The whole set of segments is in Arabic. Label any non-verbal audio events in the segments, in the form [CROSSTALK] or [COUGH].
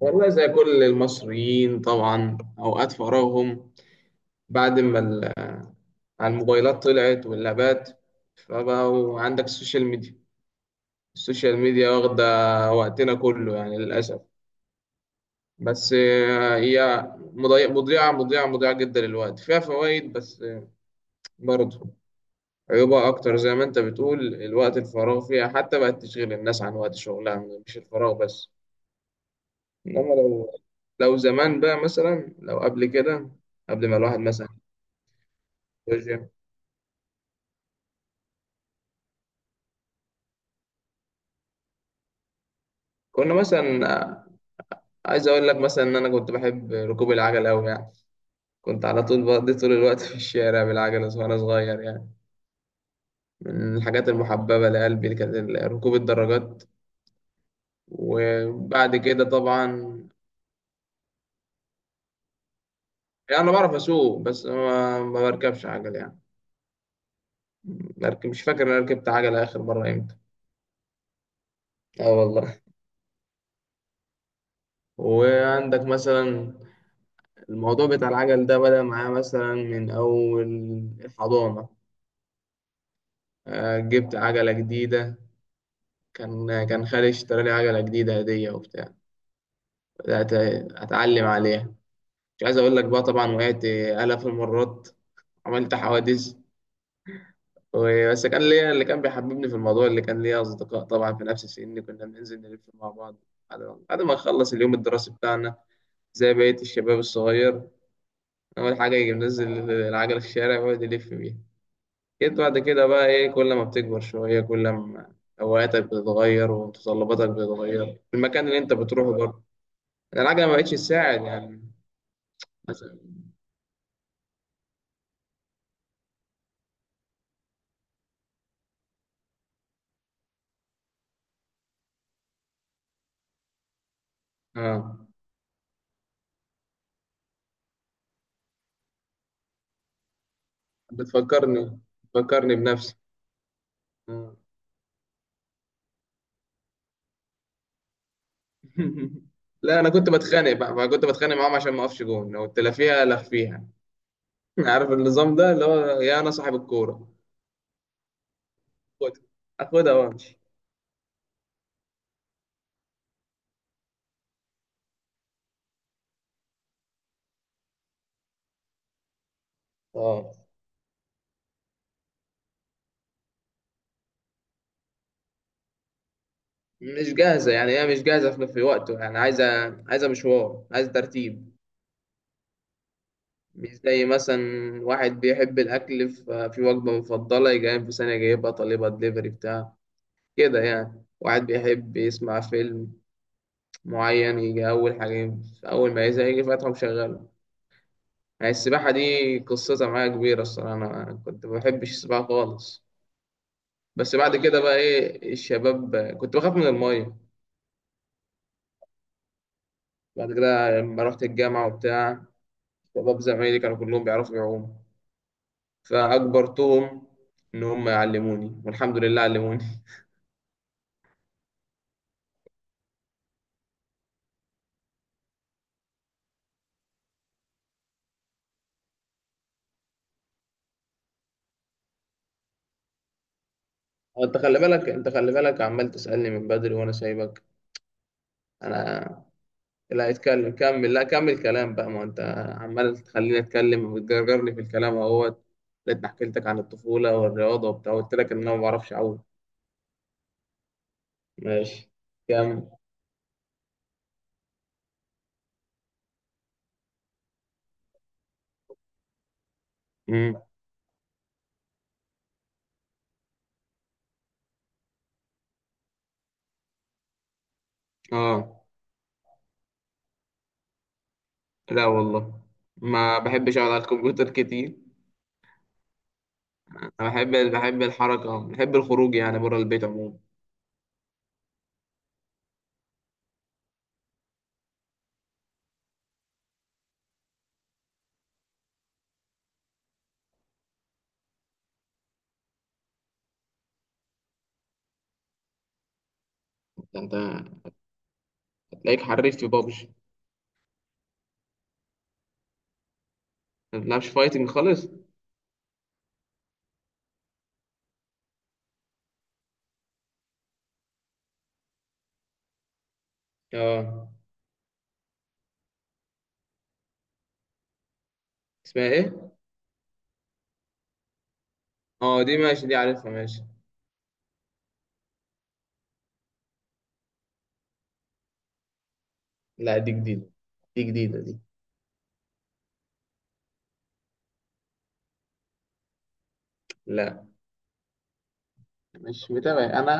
والله، زي كل المصريين طبعا أوقات فراغهم بعد ما ال- على الموبايلات طلعت واللابات، فبقوا عندك السوشيال ميديا واخدة وقتنا كله يعني للأسف. بس هي مضيعة جدا للوقت. فيها فوائد، بس برضه عيوبها أكتر. زي ما أنت بتقول، الوقت الفراغ فيها حتى بقت تشغل الناس عن وقت شغلها، مش الفراغ بس. إنما لو زمان بقى، مثلا لو قبل كده، قبل ما الواحد مثلا، كنا مثلا، عايز اقول لك مثلا ان انا كنت بحب ركوب العجل قوي يعني. كنت على طول بقضي طول الوقت في الشارع بالعجلة وانا صغير يعني. من الحاجات المحببة لقلبي اللي كانت ال- ركوب الدراجات. وبعد كده طبعا، يعني انا بعرف اسوق بس ما بركبش عجل يعني. بركب، مش فاكر انا ركبت عجلة اخر مرة امتى. اه والله. وعندك مثلا، الموضوع بتاع العجل ده بدأ معايا مثلا من اول الحضانة. جبت عجلة جديدة. كان خالي اشترى لي عجلة جديدة هدية وبتاع. بدأت أتعلم عليها. مش عايز أقول لك بقى طبعا وقعت آلاف المرات، عملت حوادث بس كان ليا، اللي كان بيحببني في الموضوع، اللي كان ليا أصدقاء طبعا في نفس سني كنا بننزل نلف مع بعض. بعد ما نخلص اليوم الدراسي بتاعنا، زي بقية الشباب الصغير، أول حاجة يجي منزل العجلة في الشارع ويقعد يلف بيها. جيت بعد كده بقى إيه، كل ما بتكبر شوية كل ما هواياتك بتتغير ومتطلباتك بتتغير، المكان اللي أنت بتروحه برضه. العجلة ما بقتش تساعد يعني. مثلا، اه، بتفكرني بنفسي. آه. [LAUGHS] لا، انا كنت بتخانق بقى، ما كنت بتخانق معاهم عشان ما اقفش جون، لو تلافيها لفيها. [LAUGHS] عارف النظام ده اللي هو، يا انا صاحب الكورة، خد، اخدها وامشي. اه، مش جاهزة يعني، هي مش جاهزة في وقته يعني. عايزة مشوار، عايزة ترتيب. مش زي مثلا واحد بيحب الأكل في وجبة مفضلة، يجي قايم في ثانية جايبها طالبها دليفري بتاع كده يعني. واحد بيحب يسمع فيلم معين، يجي أول حاجة أول ما يزهق يجي فاتحه ومشغله. يعني السباحة دي قصتها معايا كبيرة الصراحة. أنا كنت ما بحبش السباحة خالص. بس بعد كده بقى إيه الشباب، كنت بخاف من المية. بعد كده لما رحت الجامعة وبتاع، شباب زمايلي كانوا كلهم بيعرفوا يعوموا، فأجبرتهم إن هم يعلموني، والحمد لله علموني. [LAUGHS] أنت خلي بالك عمال تسألني من بدري وأنا سايبك. أنا، لا اتكلم، كمل. لا، كمل كلام بقى، ما انت عمال تخليني اتكلم وبتجرجرني في الكلام اهوت. لقيتني حكيت لك عن الطفوله والرياضه وبتاع، قلت لك ان انا ما بعرفش اعوم. ماشي. كمل. امم. اه، لا والله، ما بحبش اقعد على الكمبيوتر كتير. انا بحب، بحب الحركه، بحب الخروج يعني، بره البيت عموما. انت هتلاقيك حريف في بابجي. ما بتلعبش فايتنج خالص. اه، اسمها ايه؟ اه، دي ماشي، دي عارفها، ماشي. لا، دي جديده. دي جديده دي. لا، مش متابع انا.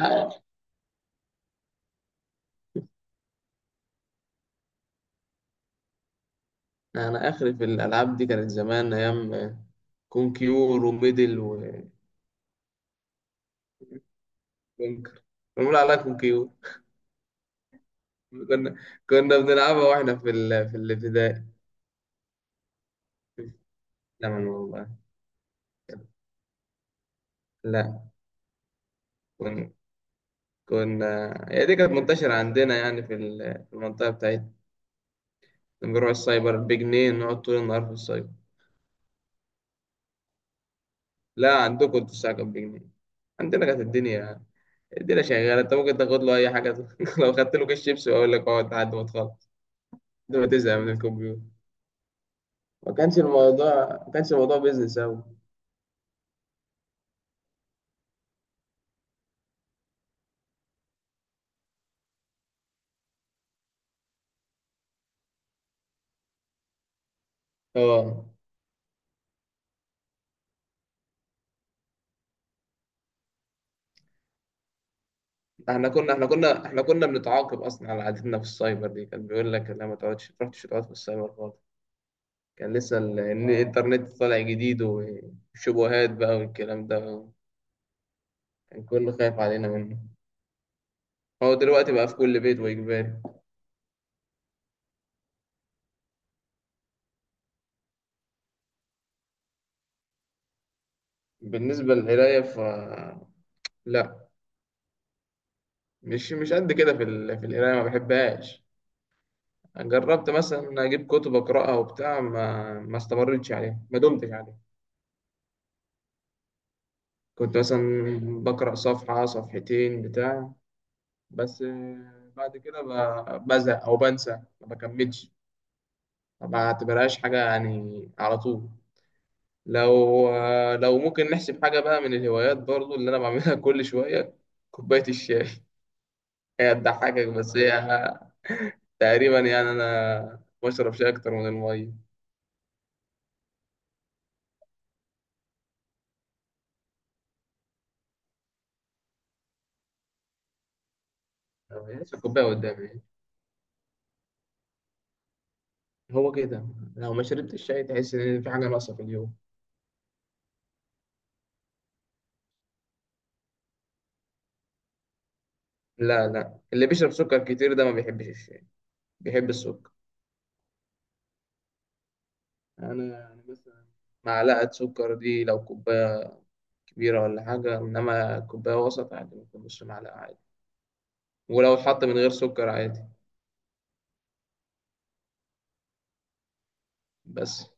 انا اخري في الالعاب دي كانت زمان، ايام كونكيور وميدل وكونكر. بنقول عليها كونكيور. كنا كنا بنلعبها واحنا في الابتدائي. زمان والله. لا، كنا كنا هي دي كانت منتشرة عندنا يعني في المنطقة بتاعتنا. نروح السايبر بجنيه، نقعد طول النهار في السايبر. لا، عندكم انتوا الساعة كانت بجنيه، عندنا كانت الدنيا، الدنيا شغالة. انت ممكن تاخد له أي حاجة. [LAUGHS] لو خدت له كيس شيبسي وأقول لك اقعد لحد ما تخلص، لحد ما تزهق من الكمبيوتر. ما كانش الموضوع، ما كانش الموضوع بيزنس أوي. اه. احنا كنا بنتعاقب اصلا على عادتنا في السايبر دي. كان بيقول لك لا، ما تقعدش، ما تروحش تقعد في السايبر خالص. كان لسه إن الانترنت طالع جديد وشبهات بقى والكلام ده، كان كله خايف علينا منه. هو دلوقتي بقى في كل بيت واجباري. بالنسبه للقرايه ف، لا، مش قد كده في القرايه، ما بحبهاش. جربت مثلا إن اجيب كتب اقراها وبتاع، ما استمرتش عليها، ما دمتش عليها. كنت مثلا بقرأ صفحة صفحتين بتاع، بس بعد كده بزهق أو بنسى، ما بكملش، ما بعتبرهاش حاجة يعني على طول. لو ممكن نحسب حاجة بقى من الهوايات برضو اللي أنا بعملها [LAUGHS] كل شوية، كوباية الشاي. هي تضحكك، بس هي تقريبا يعني أنا بشرب شاي أكتر من المية. لسه كوباية قدامي يعني. هو كده، لو ما شربتش الشاي تحس إن في حاجة ناقصة في اليوم. لا لا، اللي بيشرب سكر كتير ده ما بيحبش الشاي، بيحب السكر. انا يعني مثلا، معلقه سكر دي لو كوبايه كبيره ولا حاجه، انما كوبايه وسط عادي ممكن نص معلقه عادي، ولو اتحط من غير سكر عادي. بس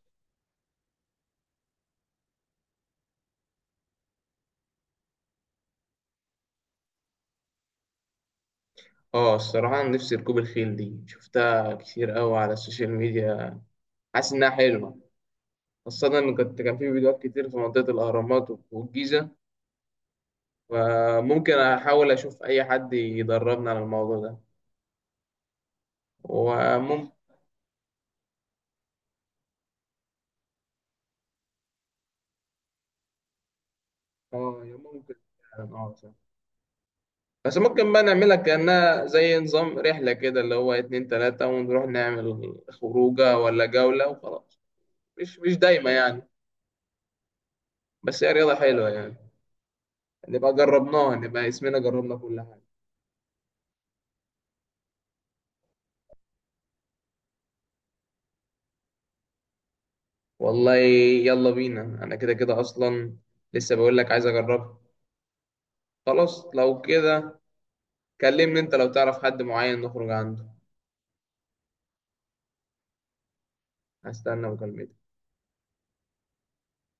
اه الصراحه أنا نفسي ركوب الخيل دي، شفتها كتير قوي على السوشيال ميديا. حاسس انها حلوه. خاصة إن كنت، كان في فيديوهات كتير في منطقة الأهرامات والجيزة. فممكن أحاول أشوف أي حد يدربنا على الموضوع ده. وممكن، يا ممكن فعلاً، بس ممكن بقى نعملها كأنها زي نظام رحلة كده اللي هو اتنين تلاتة، ونروح نعمل خروجة ولا جولة وخلاص. مش دايما يعني. بس هي رياضة حلوة يعني، نبقى جربناها، نبقى اسمنا جربنا كل حاجة. والله يلا بينا، أنا كده كده أصلا لسه بقول لك عايز أجربها. خلاص لو كده، كلمني أنت لو تعرف حد معين نخرج عنده. هستنى مكالمتك.